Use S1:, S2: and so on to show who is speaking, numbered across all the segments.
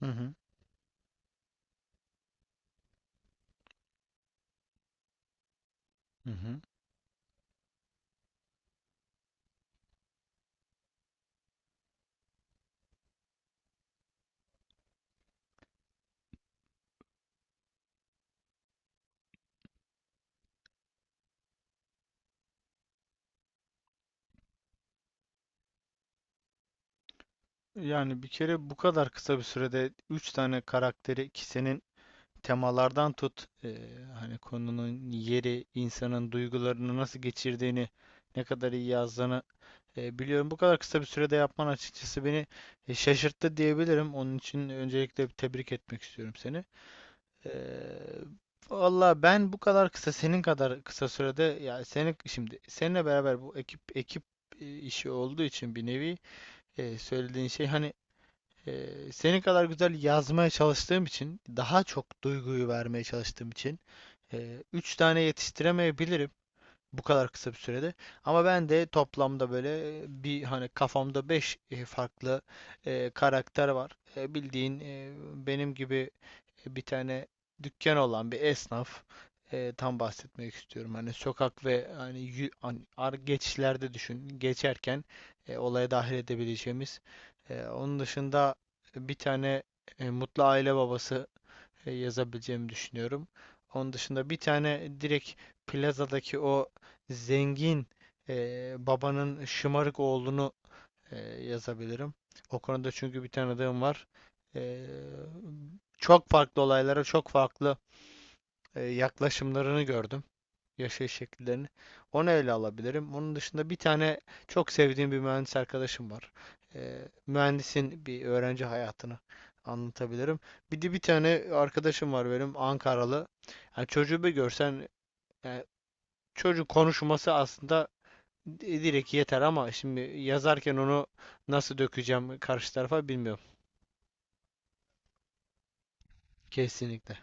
S1: Hı hı. Hı hı. Yani bir kere bu kadar kısa bir sürede 3 tane karakteri ki senin temalardan tut hani konunun yeri, insanın duygularını nasıl geçirdiğini, ne kadar iyi yazdığını biliyorum. Bu kadar kısa bir sürede yapman açıkçası beni şaşırttı diyebilirim. Onun için öncelikle bir tebrik etmek istiyorum seni. Eee valla ben bu kadar kısa senin kadar kısa sürede ya seni şimdi seninle beraber bu ekip ekip işi olduğu için bir nevi söylediğin şey hani senin kadar güzel yazmaya çalıştığım için daha çok duyguyu vermeye çalıştığım için üç tane yetiştiremeyebilirim bu kadar kısa bir sürede. Ama ben de toplamda böyle bir hani kafamda beş farklı karakter var. Bildiğin benim gibi bir tane dükkan olan bir esnaf, tam bahsetmek istiyorum. Hani sokak ve hani geçişlerde düşün. Geçerken olaya dahil edebileceğimiz. Onun dışında bir tane mutlu aile babası yazabileceğimi düşünüyorum. Onun dışında bir tane direkt plazadaki o zengin babanın şımarık oğlunu e, yazabilirim. O konuda çünkü bir tanıdığım var. E, Çok farklı olaylara çok farklı yaklaşımlarını gördüm. Yaşayış şekillerini. Onu ele alabilirim. Onun dışında bir tane çok sevdiğim bir mühendis arkadaşım var. Mühendisin bir öğrenci hayatını anlatabilirim. Bir de bir tane arkadaşım var benim Ankaralı. Yani çocuğu bir görsen yani çocuğun konuşması aslında direkt yeter ama şimdi yazarken onu nasıl dökeceğim karşı tarafa bilmiyorum. Kesinlikle.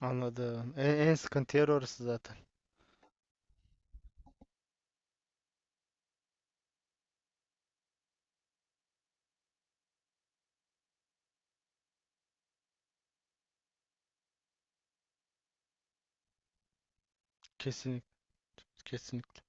S1: Anladım. En sıkıntı yer orası zaten. Kesinlikle. Kesinlikle.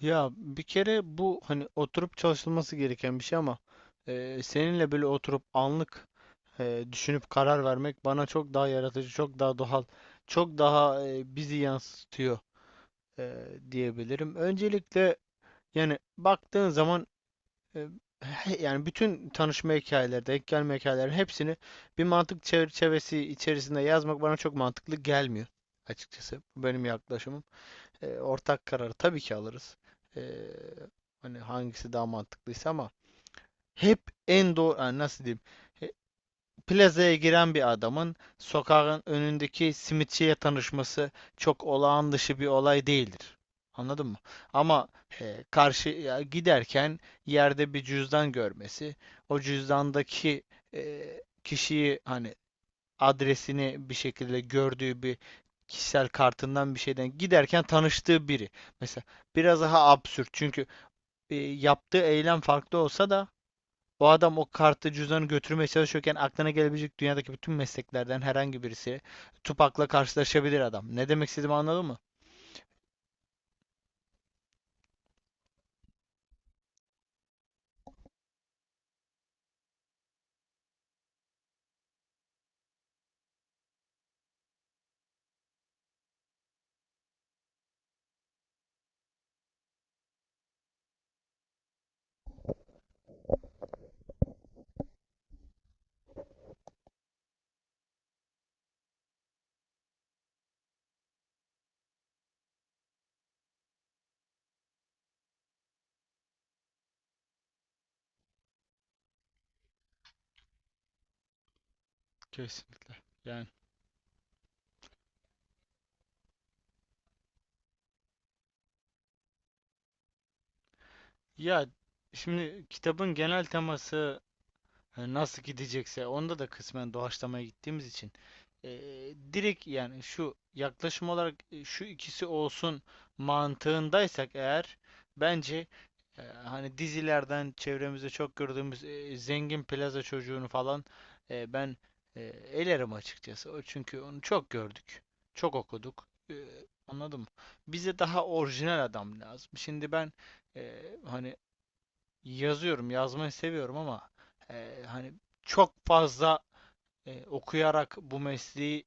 S1: Ya bir kere bu hani oturup çalışılması gereken bir şey ama seninle böyle oturup anlık düşünüp karar vermek bana çok daha yaratıcı, çok daha doğal, çok daha bizi yansıtıyor, e, diyebilirim. Öncelikle yani baktığın zaman e, yani bütün tanışma hikayeleri, denk gelme hikayeleri hepsini bir mantık çerçevesi içerisinde yazmak bana çok mantıklı gelmiyor açıkçası. Bu benim yaklaşımım. Ortak kararı tabii ki alırız. E, Hani hangisi daha mantıklıysa ama hep en doğru yani nasıl diyeyim? E, Plazaya giren bir adamın sokağın önündeki simitçiye tanışması çok olağan dışı bir olay değildir. Anladın mı? Ama karşıya giderken yerde bir cüzdan görmesi, o cüzdandaki e, kişiyi hani adresini bir şekilde gördüğü bir kişisel kartından bir şeyden giderken tanıştığı biri. Mesela biraz daha absürt çünkü yaptığı eylem farklı olsa da o adam o kartı cüzdanı götürmeye çalışırken aklına gelebilecek dünyadaki bütün mesleklerden herhangi birisi Tupak'la karşılaşabilir adam. Ne demek istediğimi anladın mı? Kesinlikle. Yani ya şimdi kitabın genel teması hani nasıl gidecekse onda da kısmen doğaçlamaya gittiğimiz için direkt yani şu yaklaşım olarak şu ikisi olsun mantığındaysak eğer bence hani dizilerden çevremizde çok gördüğümüz zengin plaza çocuğunu falan ben e, elerim açıkçası. O çünkü onu çok gördük. Çok okuduk. Anladın. Bize daha orijinal adam lazım. Şimdi ben hani yazıyorum, yazmayı seviyorum ama hani çok fazla okuyarak bu mesleği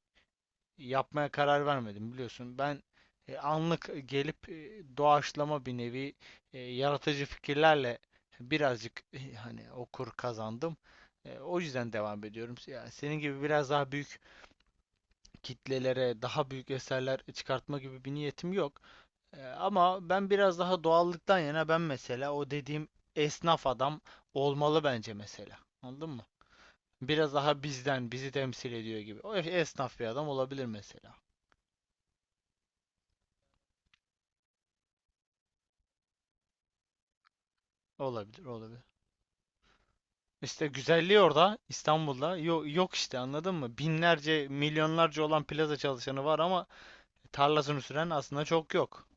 S1: yapmaya karar vermedim biliyorsun. Ben anlık gelip doğaçlama bir nevi yaratıcı fikirlerle birazcık hani okur kazandım. O yüzden devam ediyorum. Yani senin gibi biraz daha büyük kitlelere, daha büyük eserler çıkartma gibi bir niyetim yok. Ama ben biraz daha doğallıktan yana ben mesela o dediğim esnaf adam olmalı bence mesela. Anladın mı? Biraz daha bizden, bizi temsil ediyor gibi. O esnaf bir adam olabilir mesela. Olabilir, olabilir. İşte güzelliği orada İstanbul'da yok, yok işte anladın mı? Binlerce, milyonlarca olan plaza çalışanı var ama tarlasını süren aslında çok yok.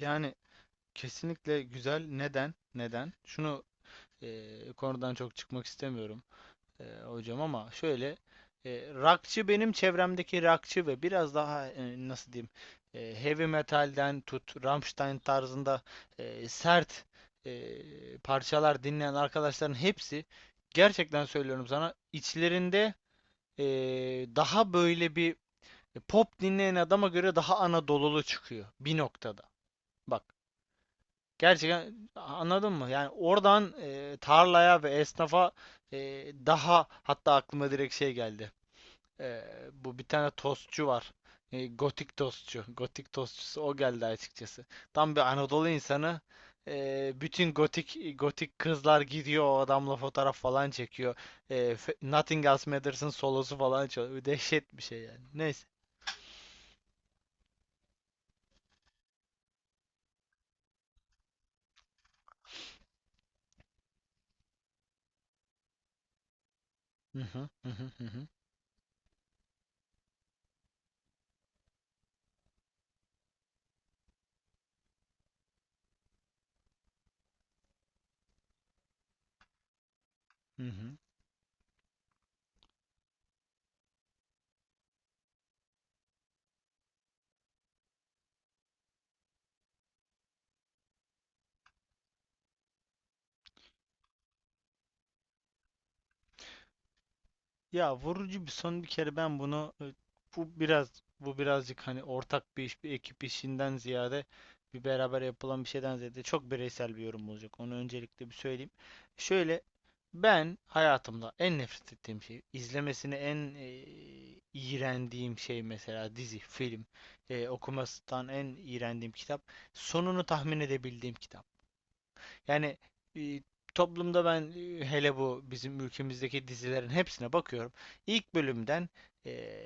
S1: Yani kesinlikle güzel. Neden? Neden? Şunu konudan çok çıkmak istemiyorum. Hocam ama şöyle rockçı benim çevremdeki rockçı ve biraz daha nasıl diyeyim heavy metalden tut Rammstein tarzında sert parçalar dinleyen arkadaşların hepsi gerçekten söylüyorum sana içlerinde e, daha böyle bir pop dinleyen adama göre daha Anadolulu çıkıyor bir noktada. Bak gerçekten anladın mı? Yani oradan tarlaya ve esnafa e, daha hatta aklıma direkt şey geldi. Ee, Bu bir tane tostçu var. Gotik tostçu. Gotik tostçusu o geldi açıkçası. Tam bir Anadolu insanı. Bütün gotik gotik kızlar gidiyor o adamla fotoğraf falan çekiyor. Nothing Else Matters'ın solosu falan çalıyor. Dehşet bir şey yani. Neyse. Hı hı hı hı hı hı. Hı hı. Ya vurucu bir son bir kere ben bunu bu birazcık hani ortak bir iş bir ekip işinden ziyade bir beraber yapılan bir şeyden ziyade çok bireysel bir yorum olacak. Onu öncelikle bir söyleyeyim. Şöyle ben hayatımda en nefret ettiğim şey izlemesini en iğrendiğim şey mesela dizi, film, okumasından en iğrendiğim kitap, sonunu tahmin edebildiğim kitap. Yani e, toplumda ben hele bu bizim ülkemizdeki dizilerin hepsine bakıyorum. İlk bölümden e,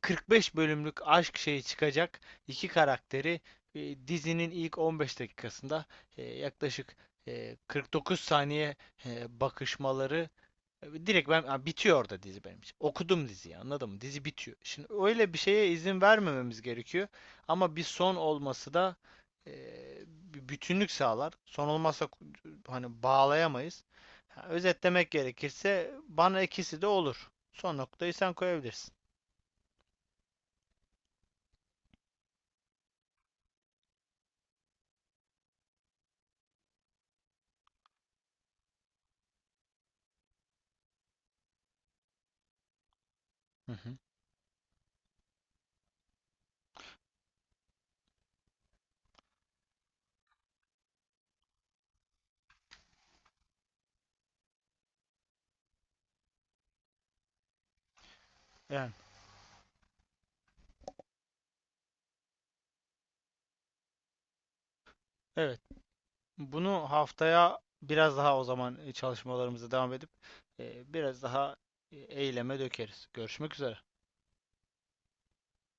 S1: 45 bölümlük aşk şeyi çıkacak iki karakteri dizinin ilk 15 dakikasında yaklaşık 49 saniye bakışmaları. Direkt ben ha, bitiyor orada dizi benim için. Okudum diziyi anladın mı? Dizi bitiyor. Şimdi öyle bir şeye izin vermememiz gerekiyor. Ama bir son olması da e, bir bütünlük sağlar. Son olmazsa hani bağlayamayız. Ha, özetlemek gerekirse bana ikisi de olur. Son noktayı sen koyabilirsin. Hı hı. Yani evet. Bunu haftaya biraz daha o zaman çalışmalarımıza devam edip biraz daha eyleme dökeriz. Görüşmek üzere.